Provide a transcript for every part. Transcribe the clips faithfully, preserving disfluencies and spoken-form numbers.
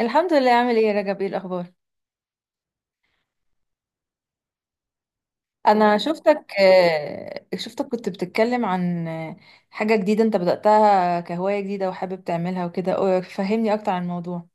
الحمد لله. عامل ايه يا رجب؟ ايه الاخبار؟ انا شفتك آه، شفتك كنت بتتكلم عن آه، حاجة جديدة انت بدأتها كهواية جديدة وحابب تعملها وكده أو- فهمني اكتر عن الموضوع.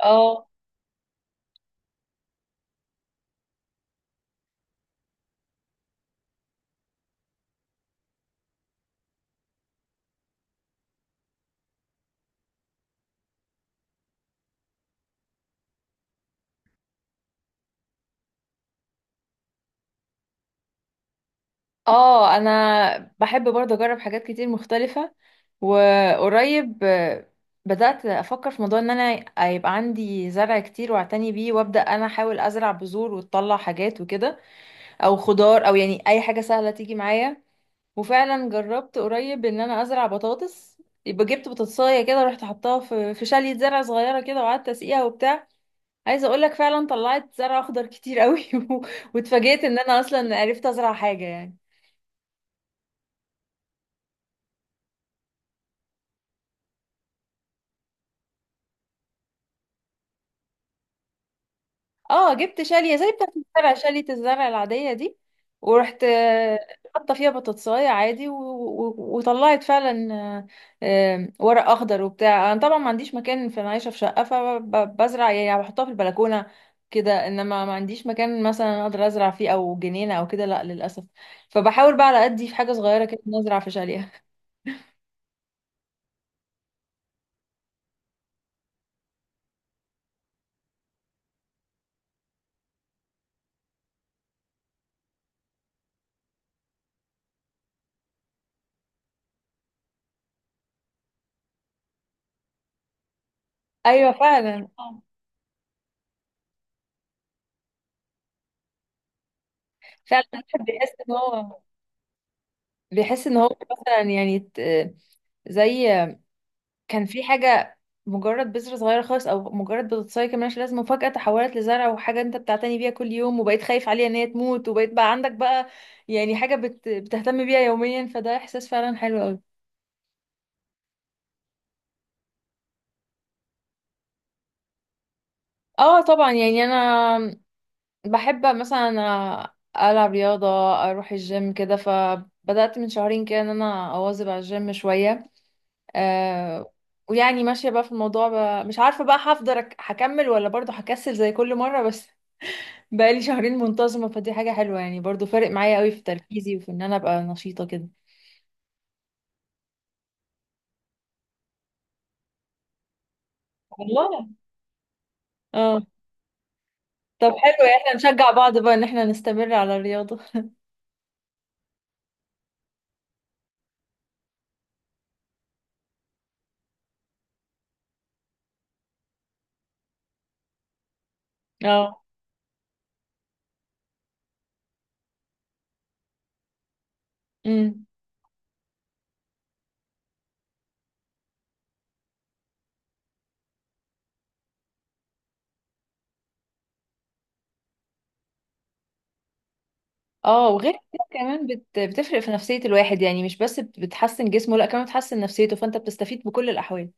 اه، اه، انا بحب برضه اجرب حاجات كتير مختلفة. وقريب آه، بدأت افكر في موضوع ان انا يبقى عندي زرع كتير واعتني بيه وابدأ انا احاول ازرع بذور وتطلع حاجات وكده، او خضار، او يعني اي حاجة سهلة تيجي معايا. وفعلا جربت قريب ان انا ازرع بطاطس. يبقى جبت بطاطسايه كده، رحت حطاها في في شاليه زرع صغيره كده وقعدت اسقيها وبتاع. عايزه اقول لك فعلا طلعت زرع اخضر كتير قوي. و- واتفاجئت ان انا اصلا عرفت ازرع حاجه يعني. اه، جبت شاليه زي بتاعت الزرع، شاليه الزرع العاديه دي، ورحت آه، حاطه فيها بطاطسايه عادي و... و... وطلعت فعلا آه، آه، ورق اخضر وبتاع. انا طبعا ما عنديش مكان، في، انا عايشه في شقه فبزرع يعني بحطها في البلكونه كده، انما ما عنديش مكان مثلا اقدر ازرع فيه، او جنينه او كده، لا للاسف. فبحاول بقى على قدي في حاجه صغيره كده إن ازرع في شاليه. ايوه فعلا. فعلا الواحد بيحس ان هو بيحس ان هو مثلا يعني ت- زي كان في حاجة، مجرد بذرة صغيرة خالص أو مجرد بتتصاي كمان مش لازمة، وفجأة تحولت لزرع وحاجة أنت بتعتني بيها كل يوم، وبقيت خايف عليها إن هي تموت، وبقيت بقى عندك بقى يعني حاجة بت... بتهتم بيها يوميا، فده إحساس فعلا حلو أوي. اه طبعا، يعني أنا بحب مثلا ألعب رياضة، أروح الجيم كده. فبدأت من شهرين كده إن أنا أواظب على الجيم شوية. آه ويعني ماشية بقى في الموضوع بقى، مش عارفة بقى هفضل أك- هكمل ولا برضه هكسل زي كل مرة. بس بقالي شهرين منتظمة فدي حاجة حلوة، يعني برضو فارق معايا قوي في تركيزي وفي ان انا ابقى نشيطة كده. والله. اه. طب حلو، يعني احنا نشجع بعض بقى ان احنا نستمر على الرياضة. اه، امم، اه، وغير كده كمان بت... بتفرق في نفسية الواحد، يعني مش بس بت- بتحسن جسمه، لا كمان بتحسن نفسيته، فانت بتستفيد بكل الاحوال.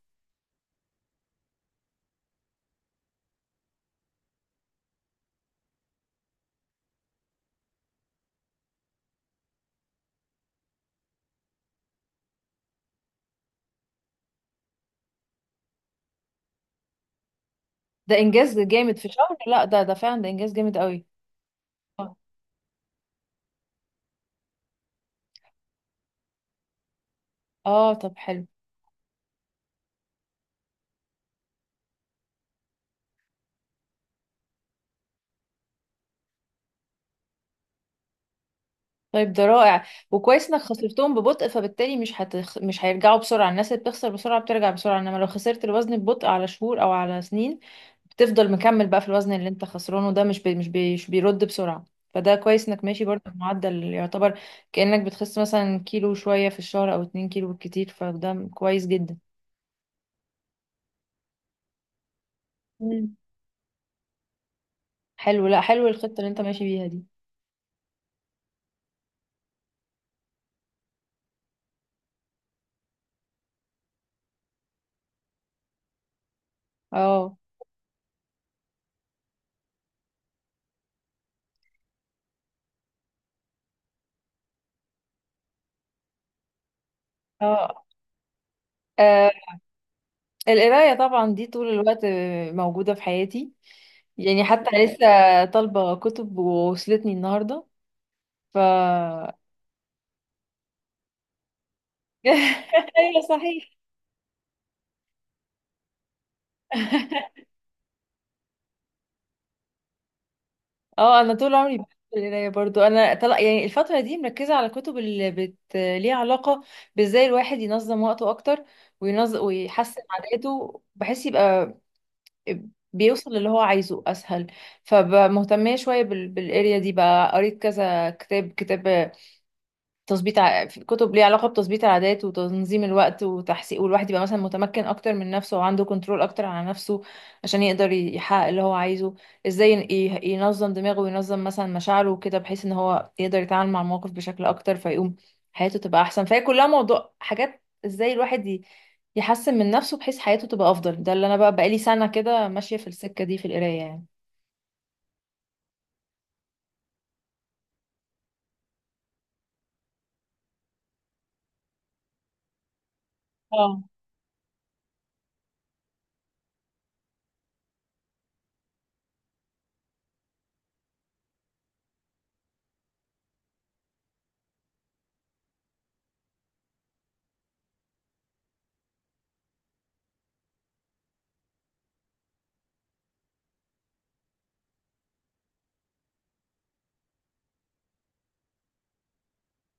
ده انجاز جامد في شهر. لا، ده ده فعلا ده انجاز جامد قوي. اه، آه، طب حلو. طيب ده رائع، وكويس انك خسرتهم ببطء، فبالتالي مش هتخ... مش هيرجعوا بسرعة. الناس اللي بتخسر بسرعة بترجع بسرعة، انما لو خسرت الوزن ببطء على شهور او على سنين بتفضل مكمل بقى في الوزن اللي انت خسرانه ده، مش بي... مش, بي... مش بيرد بسرعة. فده كويس انك ماشي برضه بمعدل يعتبر كأنك بتخس مثلا كيلو شوية في الشهر او اتنين كيلو بالكتير، فده كويس جدا. مم. حلو، لا حلو الخطة اللي انت ماشي بيها دي. اه. اه. آه، القراية طبعا دي طول الوقت آه، موجودة في حياتي. يعني حتى لسه طالبة كتب ووصلتني النهاردة. ف ايوه صحيح. اه، انا طول عمري بحب القرايه برضو. انا طلع يعني الفتره دي مركزه على كتب اللي بت ليها علاقه بازاي الواحد ينظم وقته اكتر، وينظم ويحسن عاداته بحيث يبقى بيوصل للي هو عايزه اسهل. فمهتميه شويه بال... بالاريا دي بقى، قريت كذا كتاب كتاب تظبيط، ع- في كتب ليها علاقة بتظبيط العادات وتنظيم الوقت وتحسين، والواحد يبقى مثلا متمكن أكتر من نفسه وعنده كنترول أكتر على نفسه، عشان يقدر ي- يحقق اللي هو عايزه. ازاي ين- ي- ينظم دماغه وينظم مثلا مشاعره وكده بحيث ان هو يقدر يتعامل مع المواقف بشكل أكتر، فيقوم حياته تبقى أحسن. فهي كلها موضوع حاجات ازاي الواحد ي- يحسن من نفسه بحيث حياته تبقى أفضل. ده اللي أنا بقى بقالي سنة كده ماشية في السكة دي في القراية يعني. اه،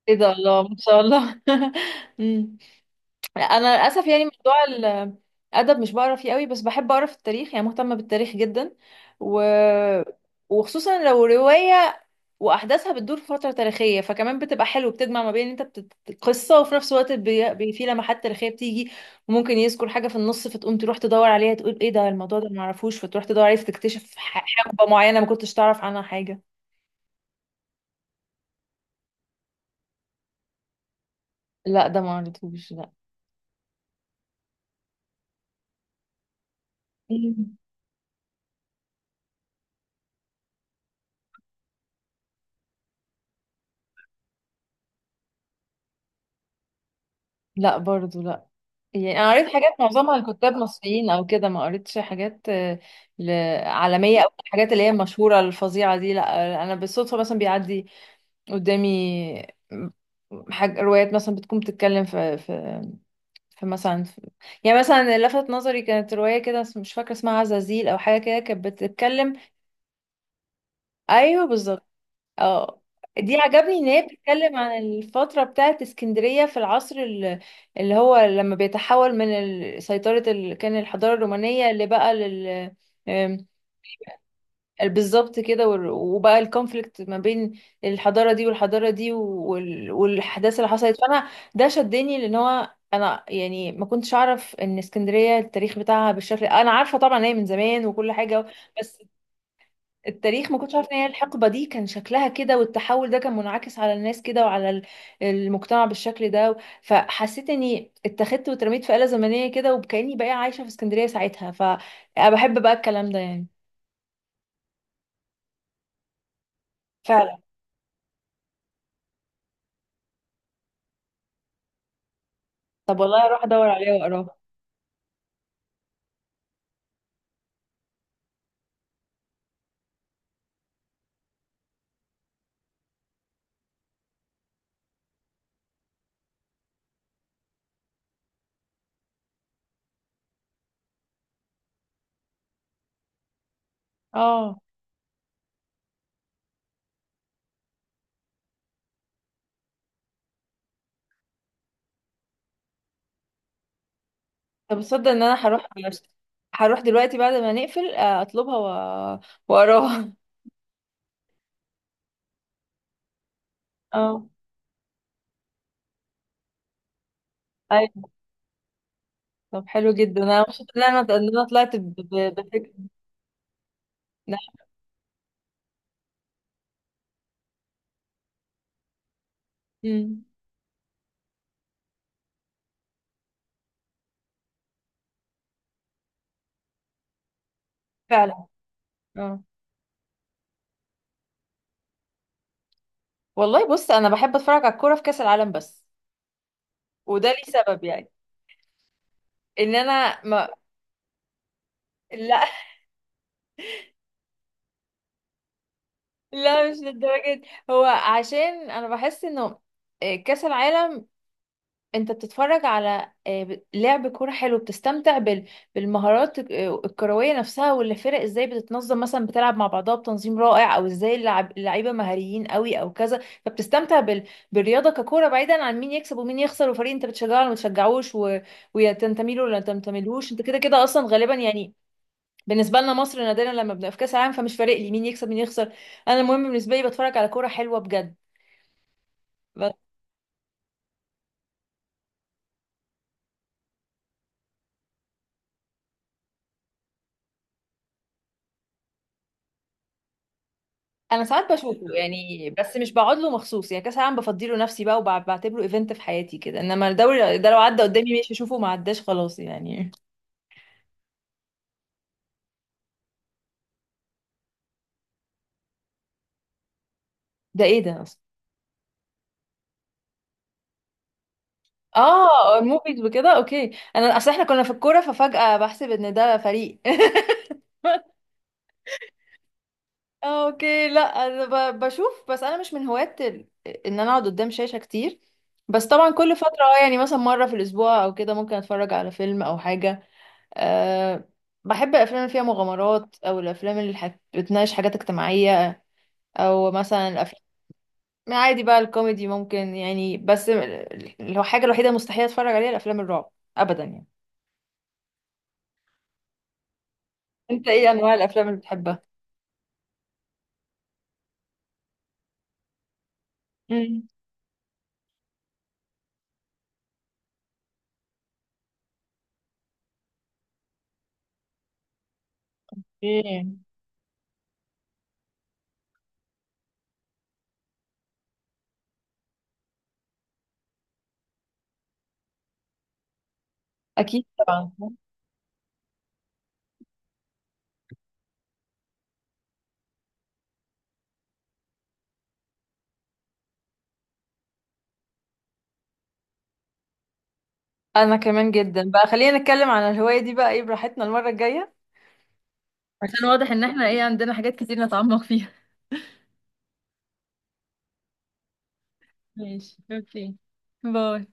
ايه ده، الله ما شاء الله! مم. انا للاسف يعني موضوع الادب مش بقرا فيه قوي، بس بحب اقرا في التاريخ، يعني مهتمه بالتاريخ جدا. و... وخصوصا لو روايه واحداثها بتدور في فتره تاريخيه فكمان بتبقى حلو، بتجمع ما بين انت بت... قصه، وفي نفس الوقت بي... بي... في لمحات تاريخيه بتيجي. وممكن يذكر حاجه في النص فتقوم تروح تدور عليها، تقول ايه ده الموضوع ده ما اعرفوش، فتروح تدور عليه فتكتشف ح- حقبه معينه ما كنتش تعرف عنها حاجه. لا، ده ما قريتهوش. لا، لا، برضو لا. يعني انا قريت حاجات معظمها لكتاب مصريين او كده، ما قريتش حاجات آه، ل- عالميه او الحاجات اللي هي المشهوره الفظيعه دي. لا، انا بالصدفه مثلا بيعدي قدامي حاجة روايات مثلا بتكون بتتكلم في في في مثلا في يعني مثلا اللي لفت نظري كانت روايه كده اسم- مش فاكره اسمها عزازيل او حاجه كده، كانت بتتكلم. ايوه بالظبط. اه، دي عجبني ان هي بتتكلم عن الفترة بتاعت اسكندرية في العصر ال- اللي هو لما بيتحول من ال- سيطرة ال... كان الحضارة الرومانية اللي بقى لل آم، بالظبط كده، وال- وبقى الكونفليكت ما بين الحضارة دي والحضارة دي، وال... والأحداث اللي حصلت فأنا ده شدني لأن هو أنا يعني ما كنتش أعرف إن اسكندرية التاريخ بتاعها بالشكل، أنا عارفة طبعا هي من زمان وكل حاجة، بس التاريخ ما كنتش عارفه ان هي الحقبه دي كان شكلها كده، والتحول ده كان منعكس على الناس كده وعلى ال- المجتمع بالشكل ده. فحسيت اني اتخذت واترميت في آلة زمنيه كده، وكاني بقى عايشه في اسكندريه ساعتها، فبحب بقى الكلام ده يعني. فعلا. طب والله هروح ادور عليها واقراها. اه، طب تصدق ان انا هروح، هروح دلوقتي بعد ما نقفل، آه، اطلبها و- واقراها. اه. ايوه. طب حلو جدا، انا مبسوطه ان انا إن أنا طلعت ب- ب- بفكره. ده. أمم، فعلا. اه، والله بص انا بحب اتفرج على الكوره في كاس العالم بس، وده ليه سبب يعني. ان انا ما لا، لا مش للدرجه دي. هو عشان انا بحس انه آه، كاس العالم انت بتتفرج على آه، ب- لعب كوره حلو، بتستمتع بال- بالمهارات الك- آه، الكرويه نفسها، ولا الفرق ازاي بتتنظم مثلا بتلعب مع بعضها بتنظيم رائع، او ازاي اللعب- اللعيبه مهاريين قوي او كذا. فبتستمتع بال... بالرياضه ككوره بعيدا عن مين يكسب ومين يخسر، وفريق انت بتشجعه ولا ما بتشجعوش و... ويا تنتمي له ولا تنتميلهوش، انت كده كده اصلا غالبا يعني. بالنسبه لنا مصر نادرا لما بنبقى في كاس العالم، فمش فارق لي مين يكسب مين يخسر. انا المهم بالنسبه لي بتفرج على كوره حلوه بجد. انا ساعات بشوفه يعني بس مش بقعد له مخصوص، يعني كاس العالم بفضيله نفسي بقى وبعتبره ايفنت في حياتي كده، انما الدوري ده لو عدى قدامي ماشي اشوفه، ما عداش خلاص يعني. ده ايه ده اصلا؟ اه، الموفيز وكده، اوكي. انا اصل احنا كنا في الكوره ففجأة بحسب ان ده فريق. آه، اوكي. لا، انا ب- بشوف، بس انا مش من هواة ال- ان انا اقعد قدام شاشة كتير. بس طبعا كل فترة، اه يعني مثلا مرة في الاسبوع او كده، ممكن اتفرج على فيلم او حاجة. أه بحب الافلام اللي فيها مغامرات، او الافلام اللي حت- بتناقش حاجات اجتماعيه، او مثلا الافلام. يعني عادي بقى الكوميدي ممكن يعني، بس ال- الحاجه الوحيده مستحيل اتفرج عليها الافلام الرعب، ابدا يعني. انت ايه انواع الافلام اللي بتحبها؟ امم ايه، اكيد طبعا. انا كمان جدا بقى. خلينا نتكلم عن الهوايه دي بقى ايه براحتنا المره الجايه، عشان واضح ان احنا ايه عندنا حاجات كتير نتعمق فيها. ماشي، اوكي، باي.